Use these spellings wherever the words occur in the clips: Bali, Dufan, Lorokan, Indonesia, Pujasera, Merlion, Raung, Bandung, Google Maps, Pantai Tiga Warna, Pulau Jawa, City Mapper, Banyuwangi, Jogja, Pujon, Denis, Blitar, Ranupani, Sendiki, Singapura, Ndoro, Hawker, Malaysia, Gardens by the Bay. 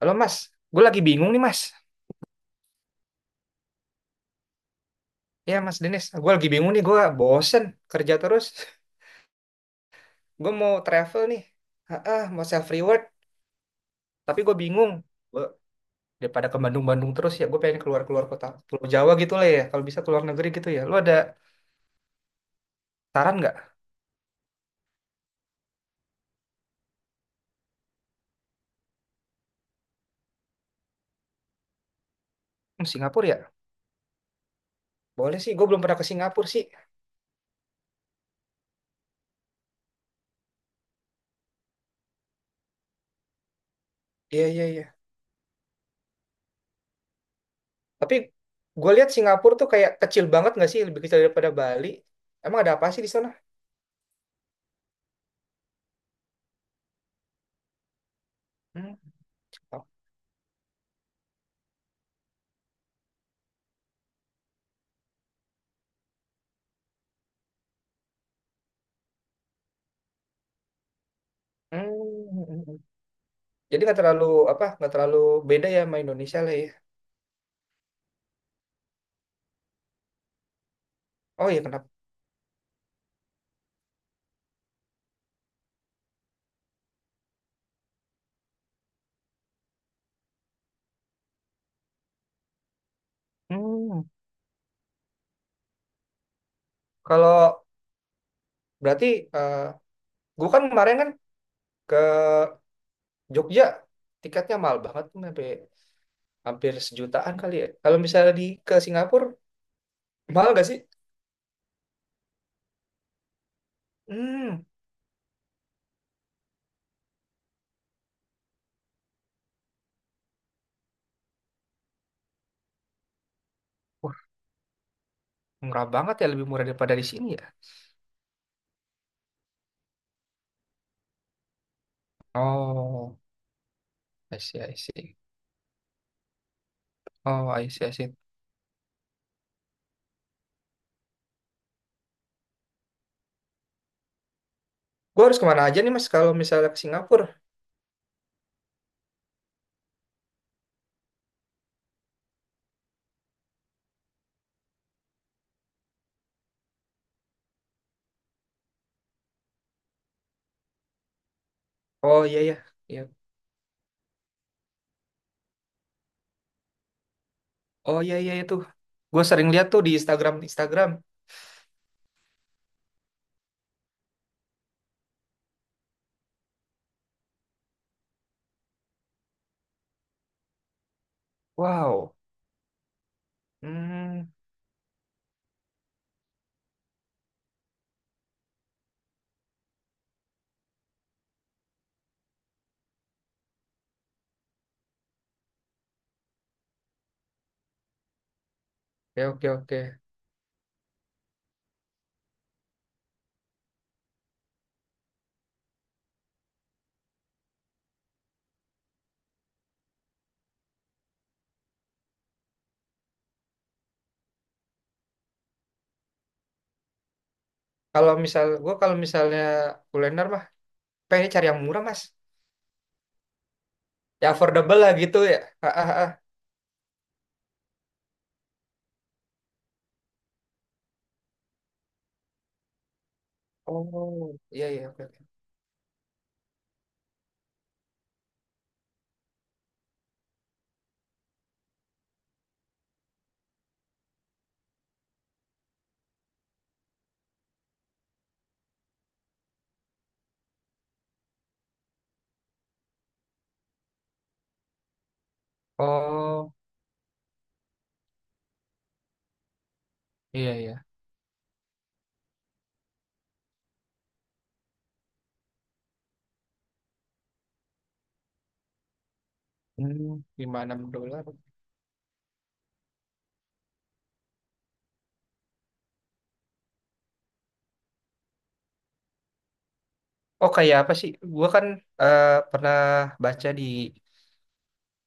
Halo Mas, gue lagi bingung nih Mas. Ya Mas Denis, gue lagi bingung nih, gue bosen kerja terus. Gue mau travel nih, ah, ah, mau self reward, tapi gue bingung. Gua daripada ke Bandung-Bandung terus ya, gue pengen keluar-keluar kota Pulau Jawa gitu lah ya. Kalau bisa keluar negeri gitu ya. Lu ada saran nggak? Hmm, Singapura ya? Boleh sih, gue belum pernah ke Singapura sih. Iya iya iya. Tapi gue lihat Singapura tuh kayak kecil banget nggak sih, lebih kecil daripada Bali. Emang ada apa sih di sana? Hmm. Hmm. Hmm, hmm, hmm. Jadi nggak terlalu beda ya sama Indonesia lah ya. Oh iya kenapa? Hmm. Kalau berarti eh gue kan kemarin kan ke Jogja, tiketnya mahal banget tuh sampai hampir sejutaan kali ya. Kalau misalnya di ke Singapura mahal gak sih? Hmm, wah murah banget ya, lebih murah daripada di sini ya. Oh, I see, I see. Oh, I see, I see. Gue harus kemana aja nih mas kalau misalnya ke Singapura? Oh iya iya, iya. Oh iya iya itu. Gue sering lihat tuh di Instagram Instagram. Wow. Hmm. Oke, oke, oke. Kalau misalnya kuliner mah pengen cari yang murah, Mas. Ya affordable lah gitu ya. Ah, ah, ah. Oh, iya iya, oke, oke. Oh, iya iya. Hmm, gimana dolar? Oh, kayak apa sih? Gua kan eh, pernah baca di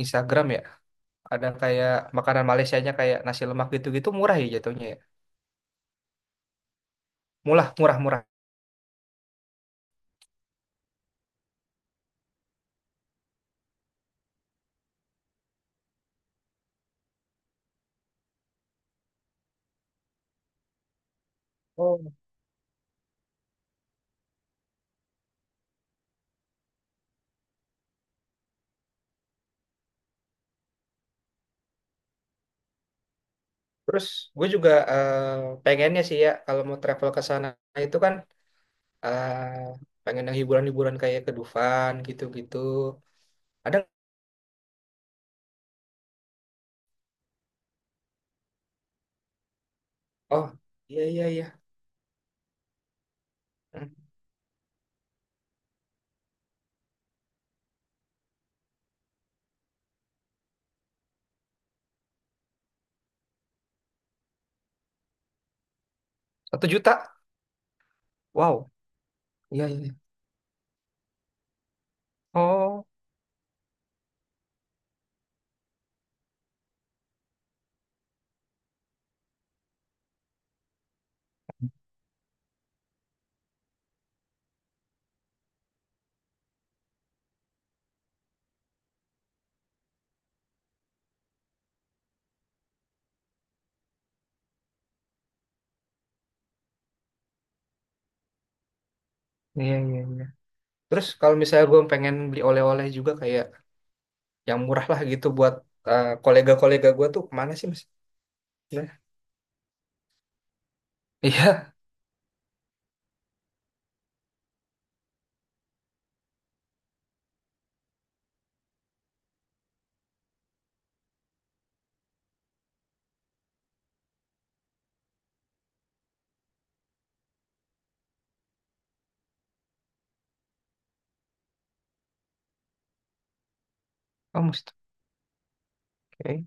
Instagram ya, ada kayak makanan Malaysianya kayak nasi lemak gitu-gitu murah ya jatuhnya ya. Murah, murah, murah. Oh. Terus gue juga pengennya sih ya, kalau mau travel ke sana itu kan ah pengen yang hiburan-hiburan kayak ke Dufan gitu-gitu. Ada? Oh, iya iya iya. Hmm. Satu juta? Wow. Iya iya, iya. Oh, iya iya iya. Terus kalau misalnya gue pengen beli oleh-oleh juga kayak yang murah lah gitu buat kolega-kolega gue tuh kemana sih mas? Nah. Iya. Oh mesti. Oke.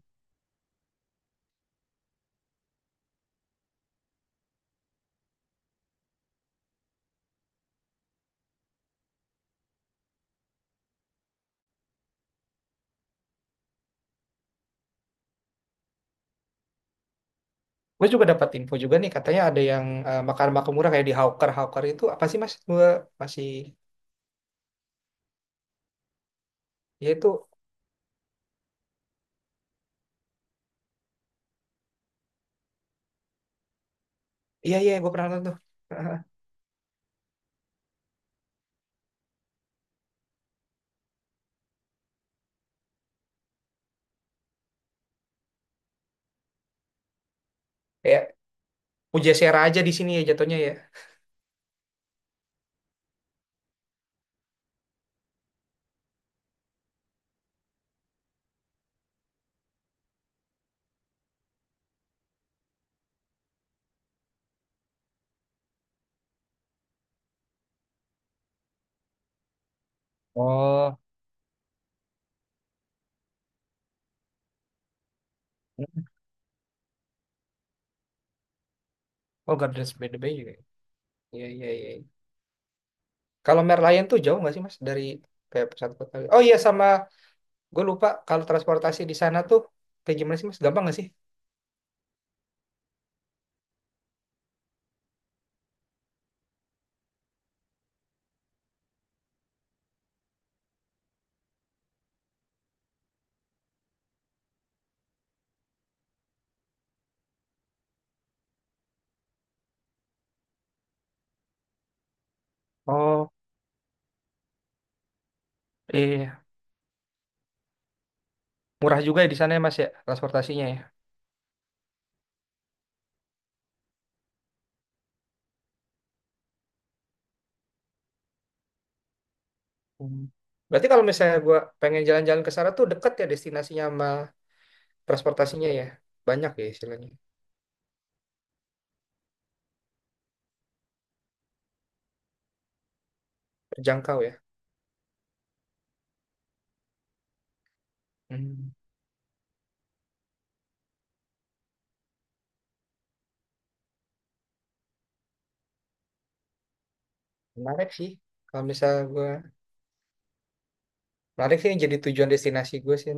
Gue juga dapat info juga nih katanya ada yang makan-makan murah kayak di Hawker Hawker itu apa sih mas? Gue masih. Ya itu. Iya iya gue pernah nonton tuh. Kayak Pujasera aja di sini ya jatuhnya ya. Oh, oh Gardens by the Bay juga, ya? Iya, iya, iya. Kalau Merlion tuh jauh nggak sih Mas dari kayak pusat kota? Oh iya, sama gue lupa kalau transportasi di sana tuh kayak gimana sih Mas? Gampang nggak sih? Oh, iya. Murah juga ya di sana ya Mas ya transportasinya ya. Hmm. Berarti kalau misalnya gue pengen jalan-jalan ke sana tuh deket ya destinasinya sama transportasinya ya. Banyak ya istilahnya. Terjangkau ya. Hmm. Menarik sih. Kalau misalnya gue, Menarik sih yang jadi tujuan destinasi gue sih.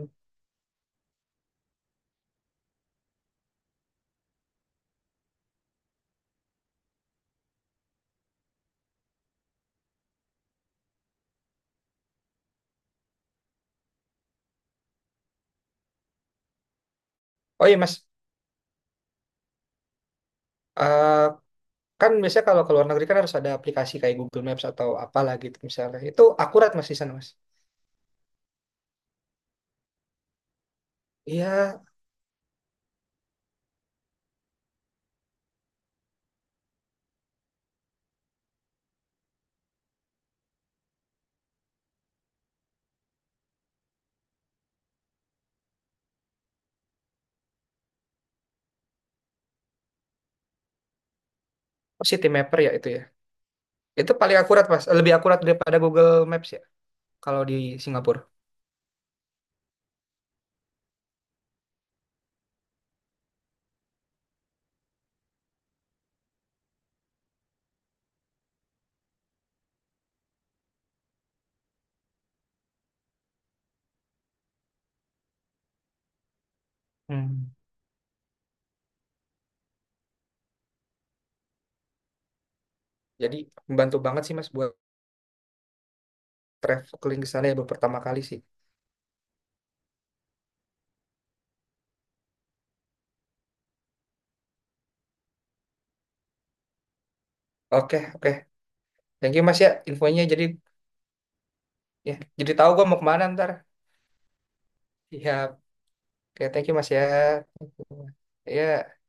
Oh iya Mas. Eh, Kan biasanya kalau ke luar negeri kan harus ada aplikasi kayak Google Maps atau apalah gitu misalnya. Itu akurat mas di sana mas? Iya, oh, City Mapper ya. Itu paling akurat mas, lebih akurat daripada Google Maps ya kalau di Singapura. Hmm. Jadi membantu banget sih mas buat traveling ke sana ya, baru pertama kali sih. Oke oke, thank you mas ya infonya. Jadi ya, jadi tahu gua mau kemana ntar. Ya, oke thank you mas ya. Thank you. Ya.